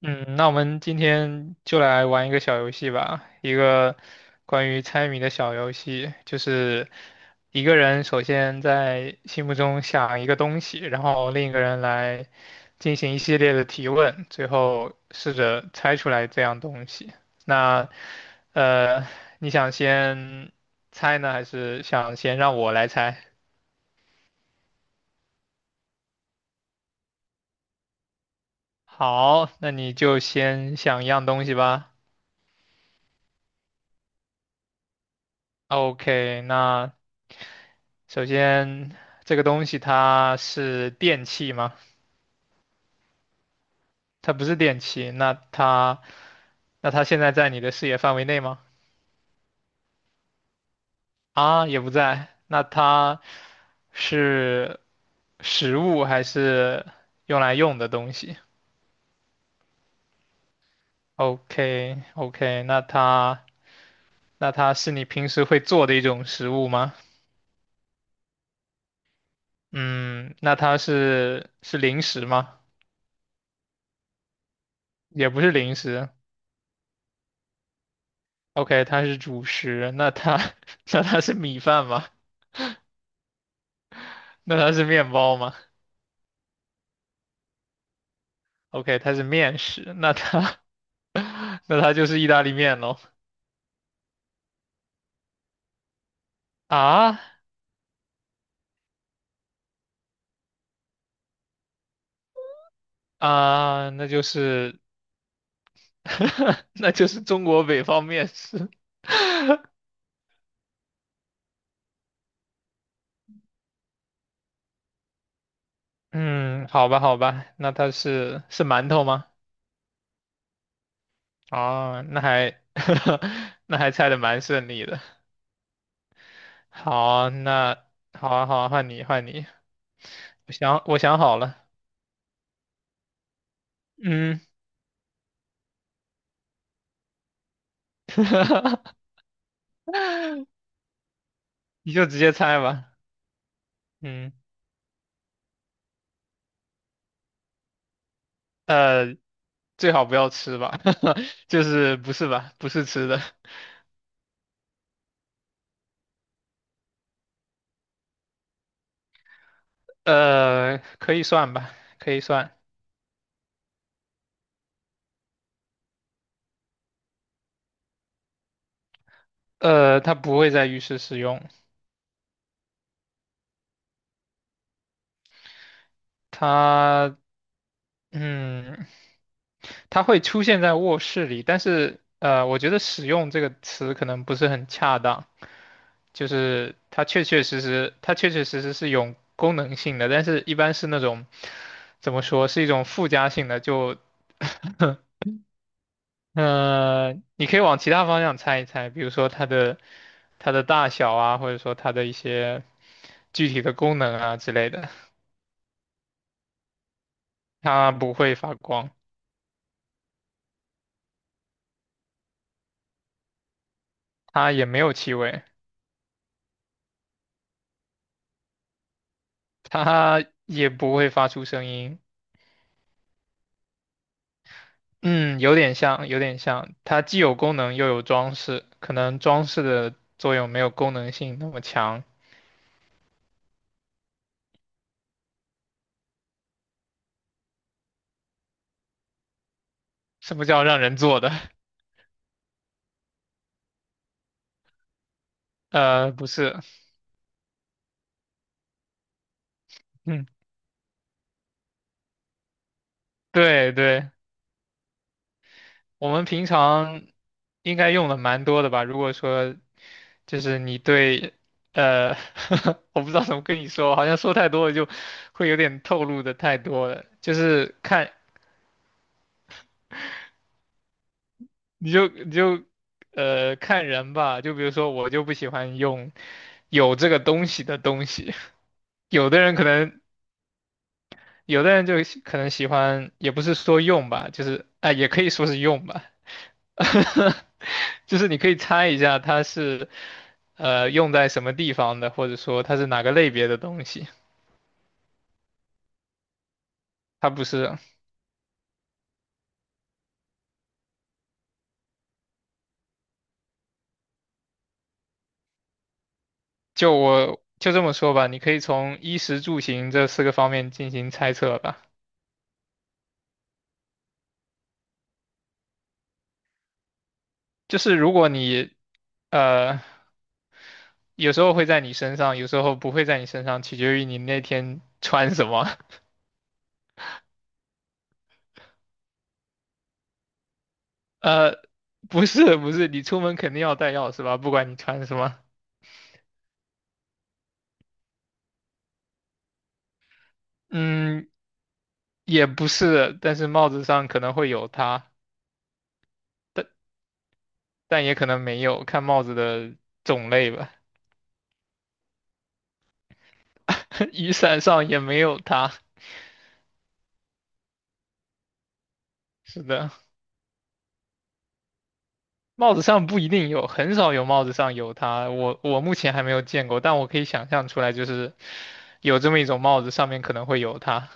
嗯，那我们今天就来玩一个小游戏吧，一个关于猜谜的小游戏，就是一个人首先在心目中想一个东西，然后另一个人来进行一系列的提问，最后试着猜出来这样东西。那呃，你想先猜呢，还是想先让我来猜？好，那你就先想一样东西吧。OK，那，首先，这个东西它是电器吗？它不是电器，那它现在在你的视野范围内吗？啊，也不在。那它是食物还是用来用的东西？OK OK，那它是你平时会做的一种食物吗？嗯，那它是零食吗？也不是零食。OK，它是主食。那它是米饭吗？那它是面包吗？OK，它是面食，那它就是意大利面喽。啊啊，那就是 那就是中国北方面食。嗯，好吧，好吧，那它是馒头吗？哦，那还猜的蛮顺利的。好，那好啊，好啊，换你，换你。我想好了。嗯，你就直接猜吧。嗯，呃，最好不要吃吧，就是不是吧，不是吃的，可以算吧，可以算，它不会在浴室使用，它，嗯，它会出现在卧室里，但是，我觉得使用这个词可能不是很恰当，就是它确确实实是有功能性的，但是一般是那种，怎么说，是一种附加性的，就 你可以往其他方向猜一猜，比如说它的大小啊，或者说它的一些具体的功能啊之类的。它不会发光，它也没有气味，它也不会发出声音。嗯，有点像，有点像。它既有功能又有装饰，可能装饰的作用没有功能性那么强。什么叫让人做的？不是，嗯，对对。我们平常应该用的蛮多的吧？如果说就是你对，呃，我不知道怎么跟你说，好像说太多了就会有点透露的太多了。就是看，你就看人吧。就比如说我就不喜欢用有这个东西的东西，有的人可能有的人就可能喜欢，也不是说用吧，就是啊、也可以说是用吧。就是你可以猜一下它是用在什么地方的，或者说它是哪个类别的东西。它不是，我就这么说吧，你可以从衣食住行这四个方面进行猜测吧。就是如果你呃有时候会在你身上，有时候不会在你身上，取决于你那天穿什么。呃，不是不是，你出门肯定要带钥匙吧，不管你穿什么。嗯，也不是，但是帽子上可能会有它。但也可能没有，看帽子的种类吧。雨伞上也没有它。是的，帽子上不一定有，很少有帽子上有它。我目前还没有见过，但我可以想象出来，就是有这么一种帽子，上面可能会有它。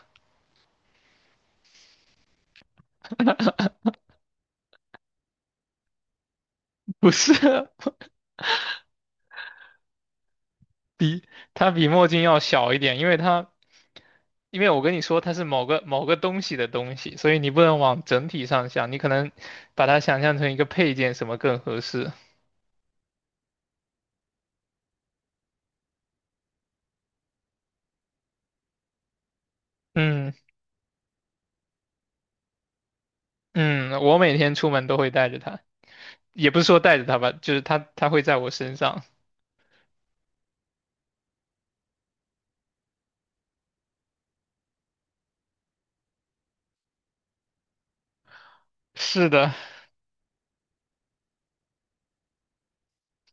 不是，比它比墨镜要小一点，因为我跟你说它是某个某个东西的东西，所以你不能往整体上想，你可能把它想象成一个配件，什么更合适？嗯。嗯，我每天出门都会带着它，也不是说带着它吧，就是它会在我身上。是的，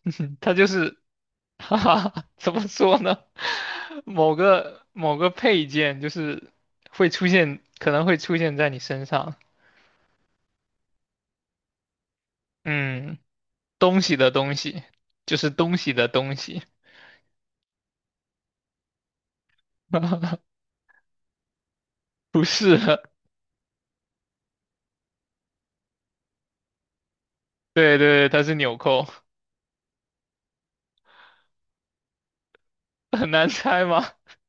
它就是，哈哈，怎么说呢？某个某个配件就是会出现，可能会出现在你身上。嗯，东西的东西，就是东西的东西。不是，对对对，它是纽扣，很难猜吗？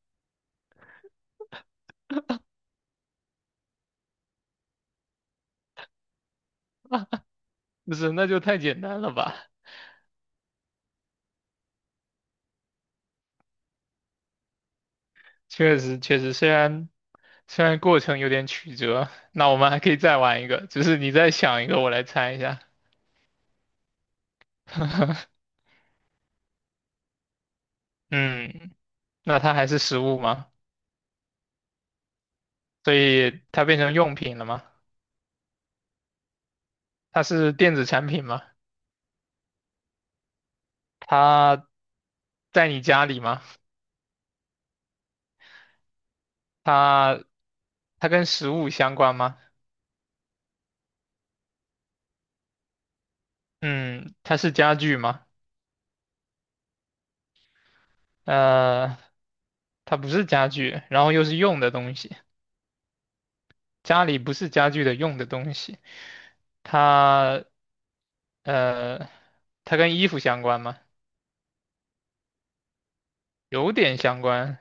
不是，那就太简单了吧？确实确实，虽然过程有点曲折，那我们还可以再玩一个，只是你再想一个，我来猜一下。嗯，那它还是食物吗？所以它变成用品了吗？它是电子产品吗？它在你家里吗？它它跟食物相关吗？嗯，它是家具吗？呃，它不是家具，然后又是用的东西，家里不是家具的用的东西。它呃，它跟衣服相关吗？有点相关。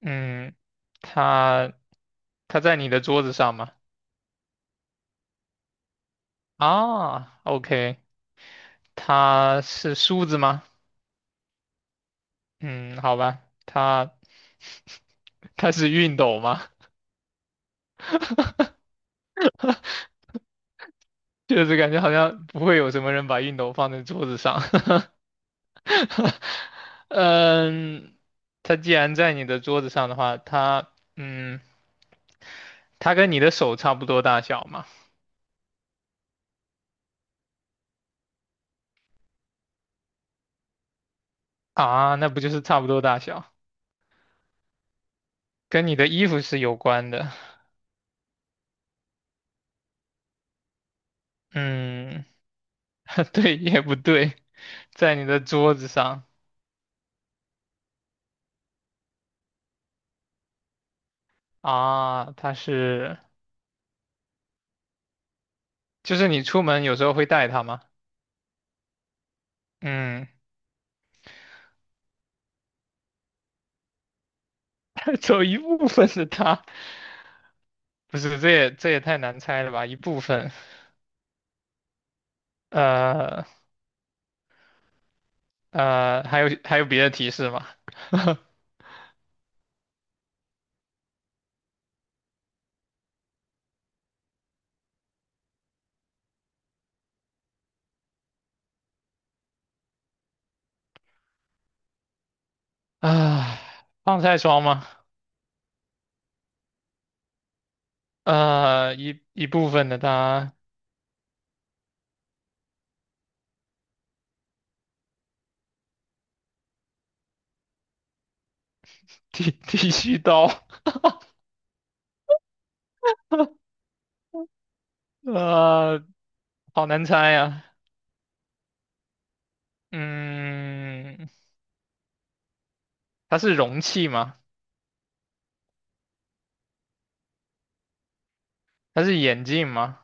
嗯，它它在你的桌子上吗？啊，OK，它是梳子吗？嗯，好吧，它 它是熨斗吗？就是感觉好像不会有什么人把熨斗放在桌子上。嗯，它既然在你的桌子上的话，嗯，它跟你的手差不多大小嘛？啊，那不就是差不多大小？跟你的衣服是有关的。嗯。对，也不对，在你的桌子上啊，就是你出门有时候会带它吗？嗯，走一部分的它，不是，这也太难猜了吧？一部分，呃还有别的提示吗？啊，防晒霜吗？一部分的它，剃须刀，呃，好难猜呀、嗯，它是容器吗？它是眼镜吗？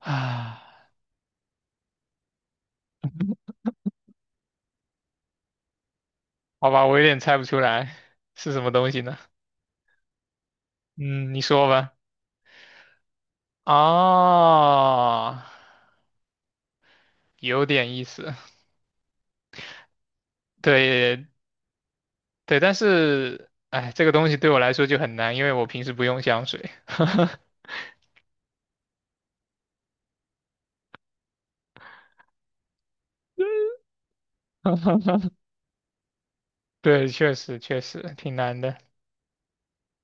啊，好吧，我有点猜不出来是什么东西呢。嗯，你说吧。啊，有点意思。对对，但是，哎，这个东西对我来说就很难，因为我平时不用香水。对，确实确实挺难的。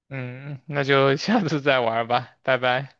嗯，那就下次再玩吧，拜拜。